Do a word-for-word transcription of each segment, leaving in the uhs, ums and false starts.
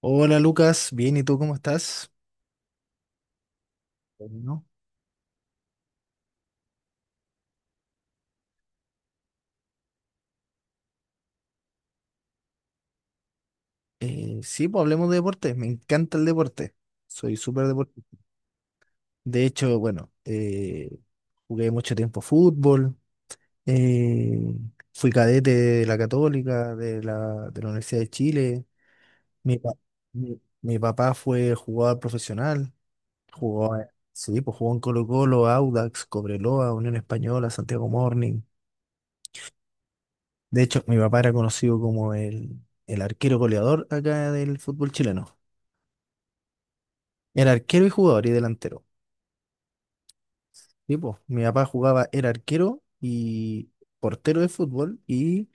Hola, Lucas, bien, ¿y tú cómo estás? Bueno. Eh, sí, pues hablemos de deporte, me encanta el deporte, soy súper deportista. De hecho, bueno, eh, jugué mucho tiempo fútbol. eh, Fui cadete de la Católica, de la, de la Universidad de Chile. mi, pa- mi, mi papá fue jugador profesional. Jugó, eh, sí, pues jugó en Colo-Colo, Audax, Cobreloa, Unión Española, Santiago Morning. De hecho, mi papá era conocido como el, el arquero goleador acá del fútbol chileno. Era arquero y jugador y delantero. Sí, po. Mi papá jugaba, era arquero y portero de fútbol, y,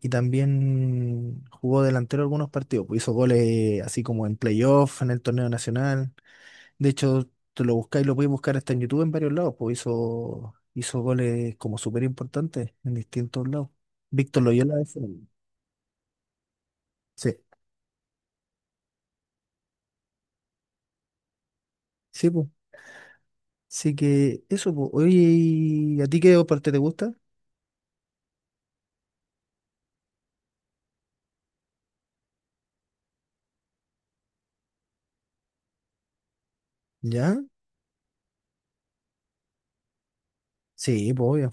y también jugó delantero algunos partidos. Pues, hizo goles así como en playoff, en el torneo nacional. De hecho, te lo buscáis, lo podéis buscar hasta en YouTube en varios lados. Pues hizo, hizo goles como súper importantes en distintos lados. Víctor Loyola, ese. Sí, sí, pues. Así que eso, pues. Oye, ¿y a ti qué parte te gusta? ¿Ya? Sí, pues obvio.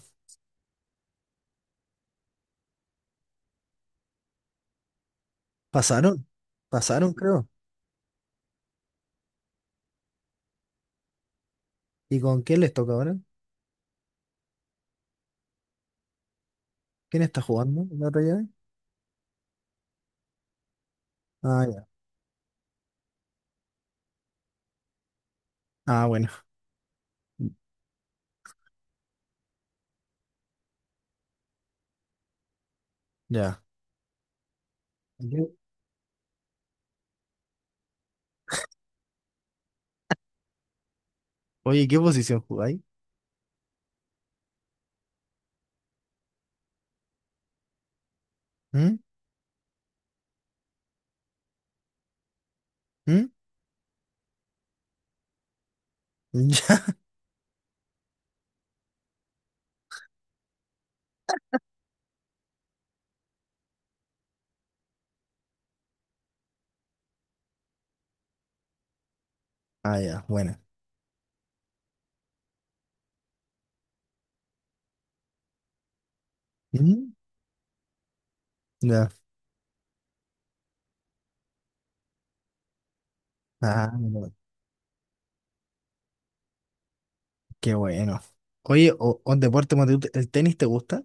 Pasaron, pasaron, creo. ¿Y con quién les toca ahora? ¿Quién está jugando en la otra llave? Ah, ya. Ah, bueno. Ya. ¿Qué- Oye, ¿qué posición jugáis? ¿Mm? ¿Mm? Ya. Ah, ya, bueno. ¿Mm? Ya. Ah, bueno, qué bueno. Oye, o, o un deporte, Mateo, ¿el tenis te gusta?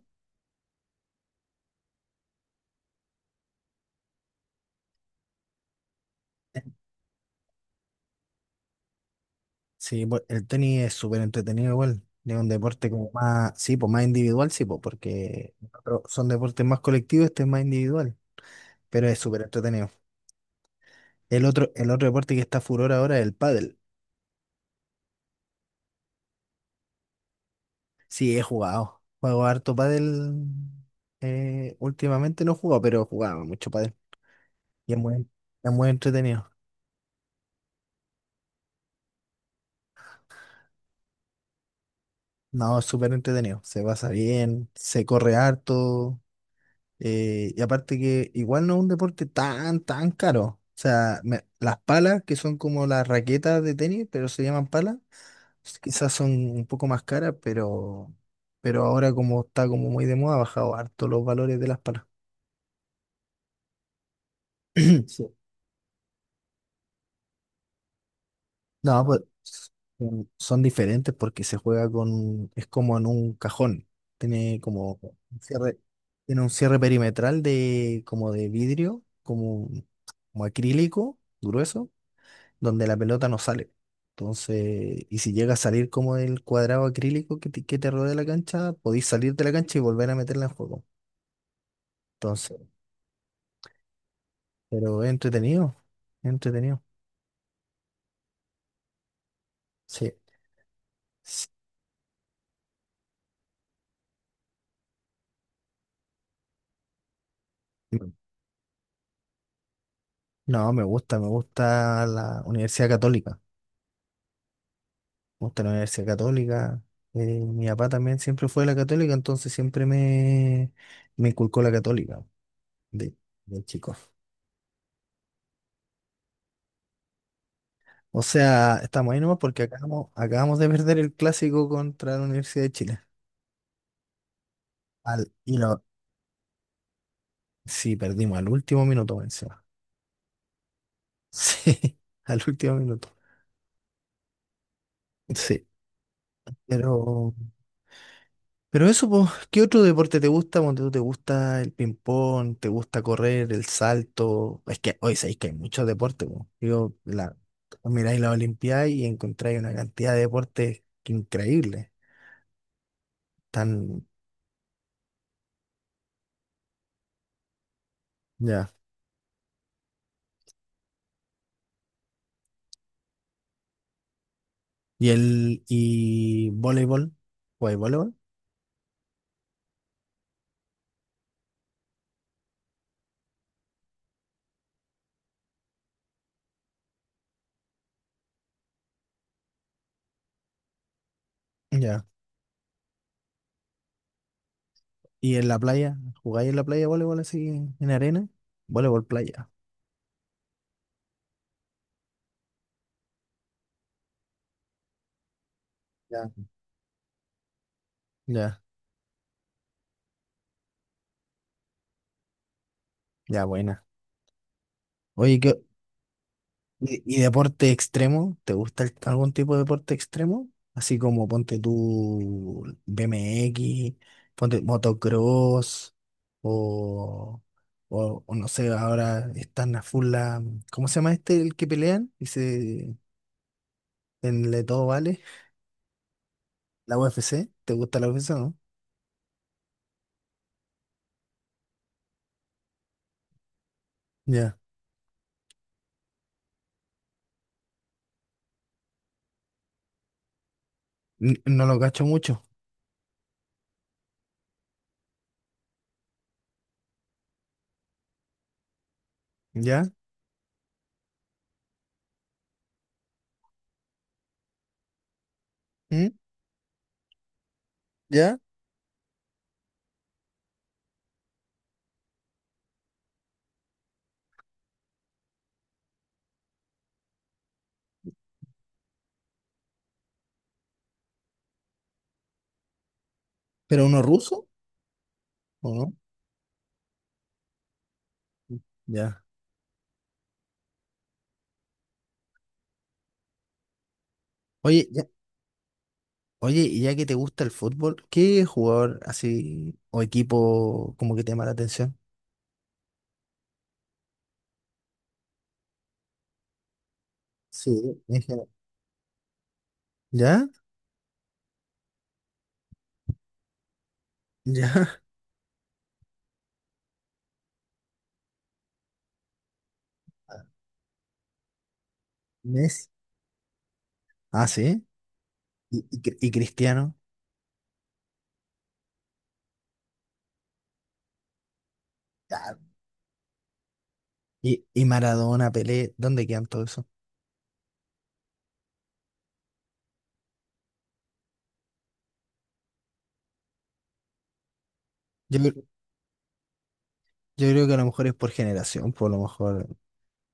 Sí, pues, el tenis es súper entretenido igual. Es un deporte como más, sí, pues más individual, sí, pues, porque los otros son deportes más colectivos, este es más individual, pero es súper entretenido. El otro, el otro deporte que está furor ahora es el pádel. Sí, he jugado. Juego harto pádel. Eh, últimamente no he jugado, pero jugaba mucho pádel. Y es muy, es muy entretenido. No, es súper entretenido. Se pasa bien, se corre harto. Eh, y aparte que igual no es un deporte tan, tan caro. O sea, me- las palas, que son como las raquetas de tenis, pero se llaman palas, s- quizás son un poco más caras, pero, pero ahora como está como muy de moda, ha bajado harto los valores de las palas. Sí. No, pues mm, son diferentes porque se juega con, es como en un cajón. Tiene como un cierre, tiene un cierre perimetral de como de vidrio, como como acrílico, grueso, donde la pelota no sale. Entonces, y si llega a salir como del cuadrado acrílico que te, que te rodea la cancha, podéis salir de la cancha y volver a meterla en juego. Entonces, pero es entretenido, es entretenido. Sí. Sí. Bueno. No, me gusta, me gusta la Universidad Católica. Me gusta la Universidad Católica. Eh, mi papá también siempre fue de la Católica, entonces siempre me, me inculcó la Católica de, de chico. O sea, estamos ahí nomás porque acabamos, acabamos de perder el clásico contra la Universidad de Chile. Al, y no, sí, perdimos al último minuto encima. Sí, al último minuto. Sí, pero, pero eso, pues, ¿qué otro deporte te gusta? Cuando tú te gusta el ping-pong, te gusta correr, el salto. Es que hoy sabéis que hay muchos deportes, pues. Digo, la, miráis la Olimpiada y encontráis una cantidad de deportes increíbles. Tan, ya. Y el, y voleibol, ¿jugáis voleibol? Ya. ¿Y en la playa? ¿Jugáis en la playa voleibol así en arena? Voleibol playa. Ya, ya, ya, buena. Oye, ¿qué, y, y deporte extremo? ¿Te gusta el- algún tipo de deporte extremo? Así como ponte tú B M X, ponte motocross, o, o, o no sé, ahora están a full la, ¿cómo se llama este el que pelean? Y se, en Le Todo Vale, la U F C. ¿Te gusta la U F C, no? Ya. N- no lo cacho mucho, ¿ya? ¿Mm? ¿Ya? ¿Pero uno ruso? ¿O no? Ya. Oye, Oye, y ya que te gusta el fútbol, ¿qué jugador así o equipo como que te llama la atención? Sí, en general. ¿Ya? ¿Ya? Messi. Ah, sí. ¿Y, y Cri- y Cristiano? Ya. ¿Y, y Maradona, Pelé? ¿Dónde quedan todo eso? Yo, cre- yo creo que a lo mejor es por generación, por lo mejor.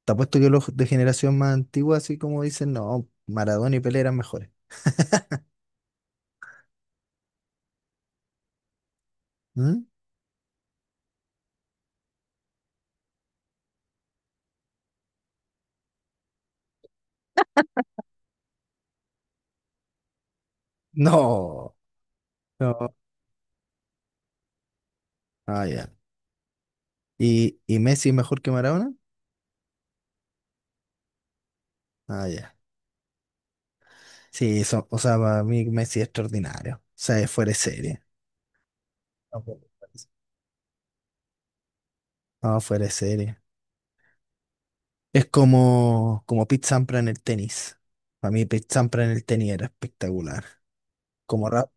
Te apuesto que los de generación más antigua, así como dicen, no, Maradona y Pelé eran mejores. ¿Mm? No. No. Ah, ya. ¿Y, y Messi es mejor que Maradona? Ah, ya. Sí, eso, o sea, para mí Messi es extraordinario. O sea, es fuera de serie. No, pues. No, fuera de serie. Es como, como Pete Sampras en el tenis. Para mí Pete Sampras en el tenis era espectacular. Como Ra-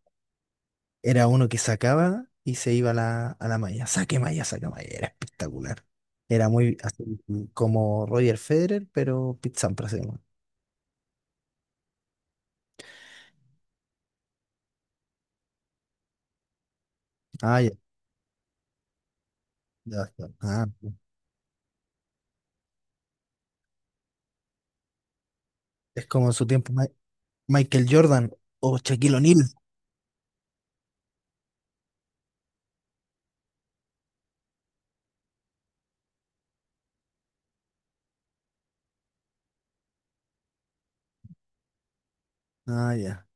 Era uno que sacaba y se iba a la, a la malla. Saque malla, saque malla. Era espectacular. Era muy así como Roger Federer, pero Pete Sampras se llama. Ah, ya. Ya está. Ah, es como en su tiempo Ma- Michael Jordan o Shaquille O'Neal. Ah, ya.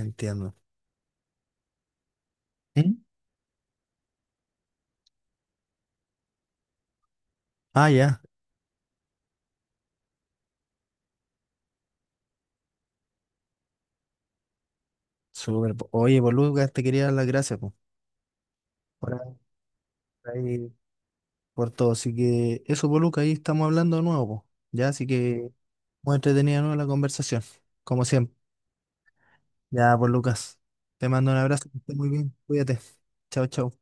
Entiendo. ¿Mm? Ah, ya. Súper, po. Oye, Boluca, te quería dar las gracias, po, por, ahí, por todo. Así que eso, Boluca, ahí estamos hablando de nuevo, po. Ya, así que muy entretenida, ¿no?, la conversación, como siempre. Ya, pues Lucas, te mando un abrazo, que estés muy bien, cuídate. Chao, chao.